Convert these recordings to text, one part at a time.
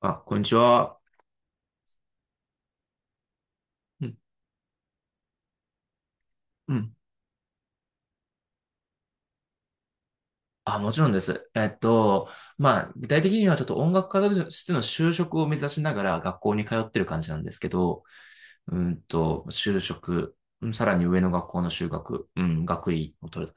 あ、こんにちは。うん、うん。あ、もちろんです。まあ、具体的にはちょっと音楽家としての就職を目指しながら学校に通ってる感じなんですけど、就職、うん、さらに上の学校の修学、うん、学位を取る。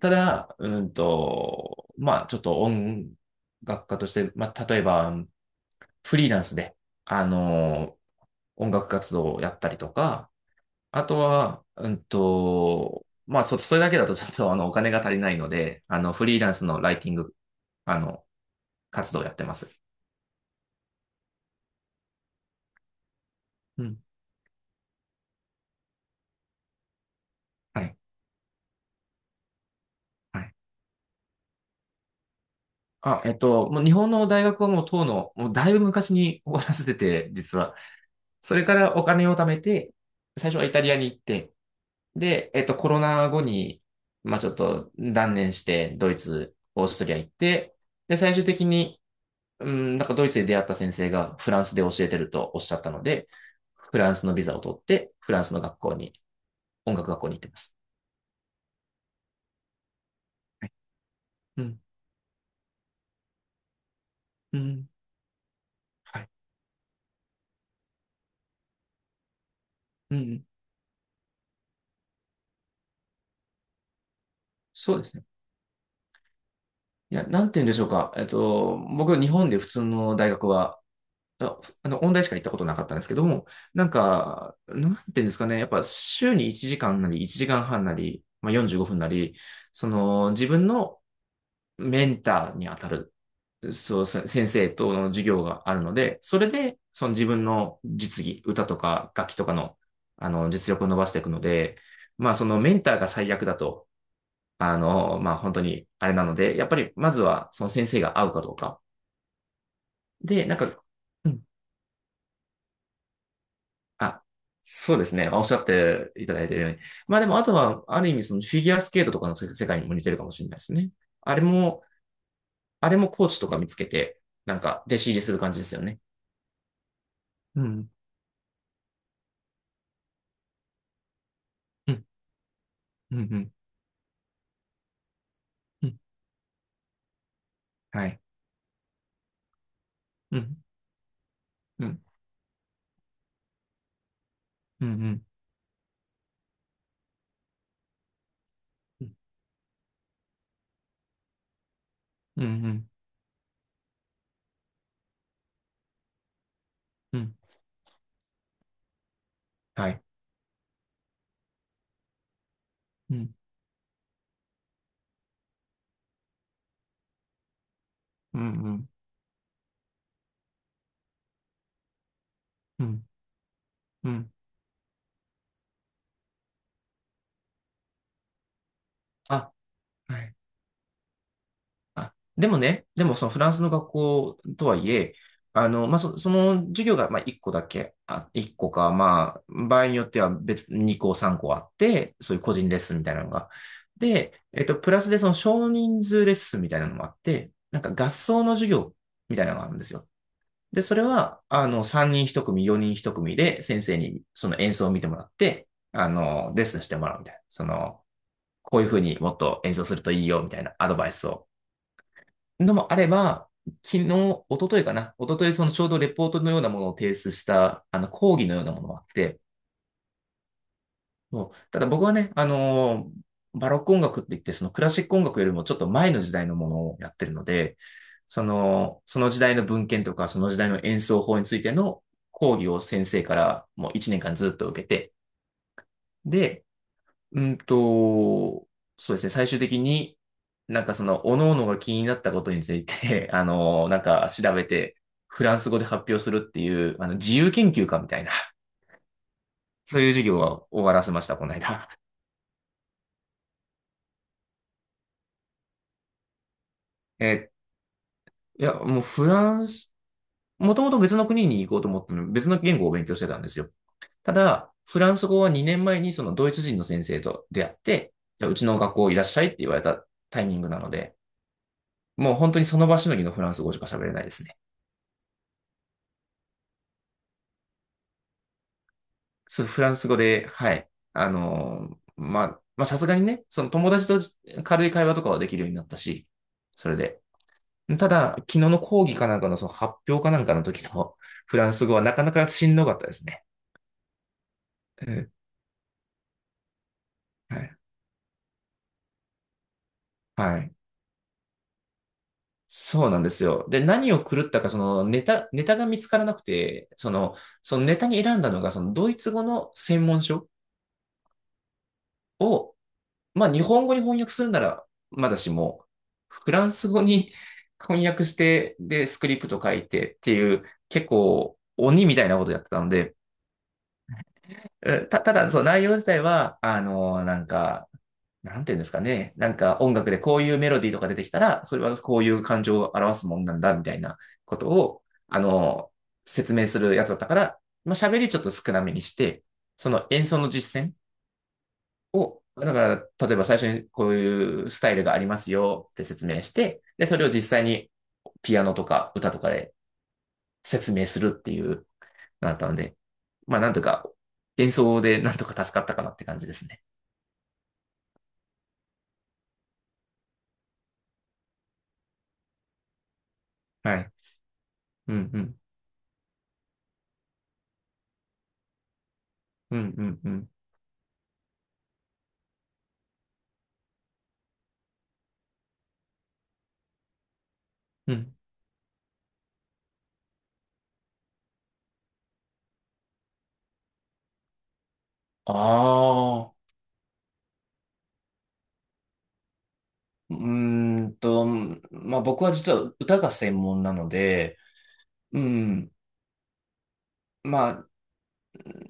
ただ、まあ、ちょっと音楽家として、まあ、例えば、フリーランスで、あの、音楽活動をやったりとか、あとは、まあ、それだけだとちょっとお金が足りないので、フリーランスのライティング、あの、活動をやってます。うん。はい。はい。あ、もう日本の大学はもうだいぶ昔に終わらせてて、実は。それからお金を貯めて、最初はイタリアに行って、で、コロナ後に、まあ、ちょっと断念して、ドイツ、オーストリア行って、で、最終的に、うん、なんかドイツで出会った先生がフランスで教えてるとおっしゃったので、フランスのビザを取って、フランスの学校に、音楽学校に行ってます。はい。うん。うん。はい。うん。そうですね。いや、なんて言うんでしょうか。僕、日本で普通の大学は、音大しか行ったことなかったんですけども、なんか、なんて言うんですかね。やっぱ、週に1時間なり、1時間半なり、まあ、45分なり、その、自分のメンターに当たる、そう、先生との授業があるので、それで、その自分の実技、歌とか楽器とかの、実力を伸ばしていくので、まあ、そのメンターが最悪だと、まあ、本当にあれなので、やっぱり、まずは、その先生が合うかどうか。で、なんか、うん、あ、そうですね。おっしゃっていただいているように。まあ、でも、あとは、ある意味、そのフィギュアスケートとかの世界にも似てるかもしれないですね。あれも、あれもコーチとか見つけて、なんか、弟子入りする感じですよね。うん、うん、うん、うん。うん、はい。うん、うん、うん、うん、うん、うん、うん、はい。うん、うん、うん、うん、うん。あ、はい。あ、でもそのフランスの学校とはいえ、まあ、その授業が、まあ、1個だけ、あ、1個か、まあ、場合によっては別に2個、3個あって、そういう個人レッスンみたいなのが。で、プラスでその少人数レッスンみたいなのもあって、なんか合奏の授業みたいなのがあるんですよ。で、それは、3人1組、4人1組で先生にその演奏を見てもらって、レッスンしてもらうみたいな。その、こういうふうにもっと演奏するといいよ、みたいなアドバイスを。のもあれば、昨日、一昨日かな。一昨日、そのちょうどレポートのようなものを提出した、講義のようなものがあって、そう、ただ僕はね、バロック音楽って言って、そのクラシック音楽よりもちょっと前の時代のものをやってるので、その、その時代の文献とか、その時代の演奏法についての講義を先生からもう1年間ずっと受けて、で、うんと、そうですね、最終的になんかその、各々が気になったことについて、なんか調べて、フランス語で発表するっていう、自由研究家みたいな、そういう授業を終わらせました、この間。えっ、いや、もうフランス、もともと別の国に行こうと思ったのに、別の言語を勉強してたんですよ。ただ、フランス語は2年前にそのドイツ人の先生と出会って、じゃあうちの学校いらっしゃいって言われたタイミングなので、もう本当にその場しのぎのフランス語しか喋れないですね。そう、フランス語で、はい。まあさすがにね、その友達と軽い会話とかはできるようになったし、それで。ただ、昨日の講義かなんかのその発表かなんかの時のフランス語はなかなかしんどかったですね。うん、はい。はい。そうなんですよ。で、何を狂ったか、そのネタが見つからなくて、その、そのネタに選んだのが、そのドイツ語の専門書を、まあ日本語に翻訳するなら、まだしも、フランス語に 翻訳して、で、スクリプト書いてっていう、結構鬼みたいなことやってたので、ただ、その内容自体は、なんか、なんていうんですかね。なんか音楽でこういうメロディーとか出てきたら、それはこういう感情を表すもんなんだ、みたいなことを、あの、説明するやつだったから、まあ、喋りちょっと少なめにして、その演奏の実践を、だから、例えば最初にこういうスタイルがありますよって説明して、で、それを実際にピアノとか歌とかで説明するっていう、なったので、まあ、なんとか、演奏でなんとか助かったかなって感じですね。はい。うん、うん。うん、うん、うん。うん、ああ、うーんと、まあ僕は実は歌が専門なので、うん、まあ、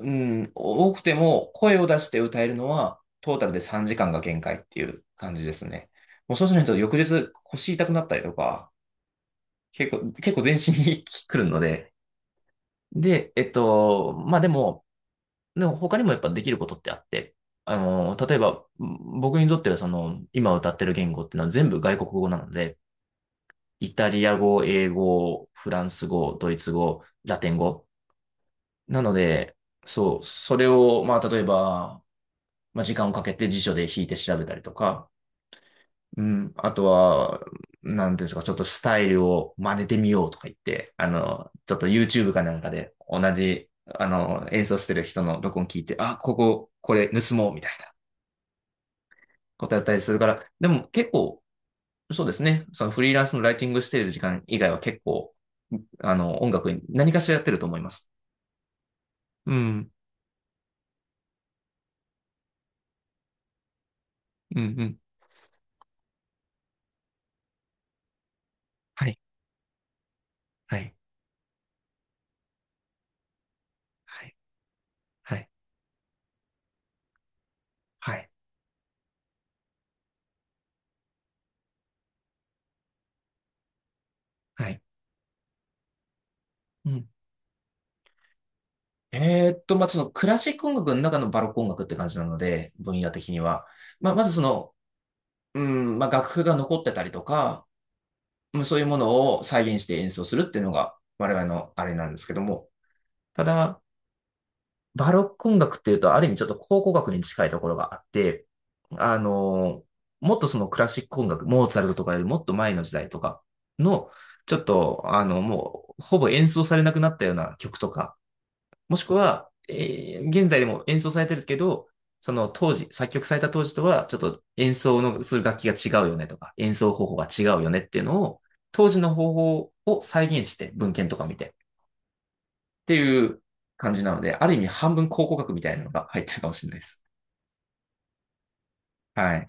うん、多くても声を出して歌えるのはトータルで3時間が限界っていう感じですね。もうそうしないと翌日腰痛くなったりとか、結構全身に 来るので。で、まあでも、他にもやっぱできることってあって、例えば僕にとってはその今歌ってる言語っていうのは全部外国語なので、イタリア語、英語、フランス語、ドイツ語、ラテン語。なので、そう、それを、まあ、例えば、まあ、時間をかけて辞書で引いて調べたりとか、うん、あとは、なんていうんですか、ちょっとスタイルを真似てみようとか言って、ちょっと YouTube かなんかで同じ、演奏してる人の録音聞いて、あ、これ盗もうみたいなことやったりするから、でも結構そうですね。そのフリーランスのライティングしている時間以外は結構、音楽に何かしらやってると思います。うん。うん、うん。はい。はい。はい。はい。はい。はい。うん。まあ、そのクラシック音楽の中のバロック音楽って感じなので、分野的には。まあ、まずその、うん、まあ、楽譜が残ってたりとか、まあそういうものを再現して演奏するっていうのが我々のあれなんですけども、ただ、バロック音楽っていうと、ある意味ちょっと考古学に近いところがあって、あの、もっとそのクラシック音楽、モーツァルトとかよりもっと前の時代とかの、ちょっと、もう、ほぼ演奏されなくなったような曲とか、もしくは、現在でも演奏されてるけど、その当時、作曲された当時とは、ちょっと演奏のする楽器が違うよねとか、演奏方法が違うよねっていうのを、当時の方法を再現して、文献とか見て、っていう感じなので、ある意味半分考古学みたいなのが入ってるかもしれないです。はい。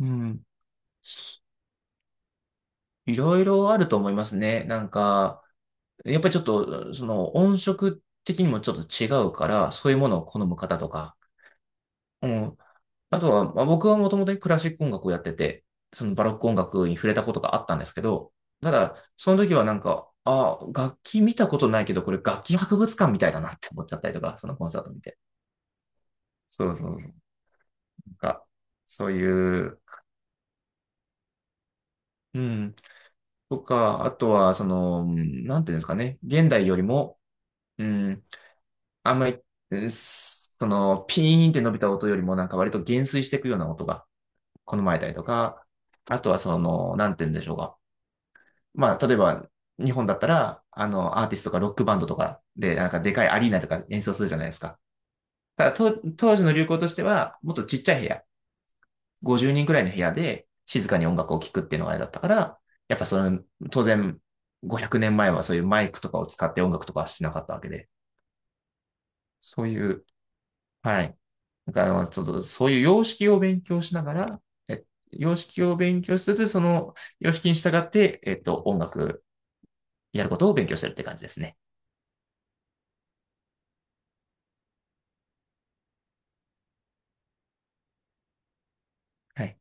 うん。いろいろあると思いますね。なんか、やっぱりちょっと、その音色的にもちょっと違うから、そういうものを好む方とか、うん。あとは、まあ、僕はもともとクラシック音楽をやってて、そのバロック音楽に触れたことがあったんですけど、ただ、その時はなんか、あ、楽器見たことないけど、これ楽器博物館みたいだなって思っちゃったりとか、そのコンサート見て。そうそうそう。なんか、そういう、うん。とか、あとは、その、うん、なんていうんですかね。現代よりも、うん、あんまり、うん、その、ピーンって伸びた音よりも、なんか割と減衰していくような音が好まれたりとか、あとは、その、なんていうんでしょうか。まあ、例えば、日本だったら、アーティストとかロックバンドとかで、なんかでかいアリーナとか演奏するじゃないですか。ただ、と当時の流行としては、もっとちっちゃい部屋。50人くらいの部屋で静かに音楽を聴くっていうのがあれだったから、やっぱその、当然、500年前はそういうマイクとかを使って音楽とかはしてなかったわけで、そういう、はい。だから、ちょっとそういう様式を勉強しながら、え様式を勉強しつつ、その様式に従って、音楽やることを勉強してるって感じですね。はい。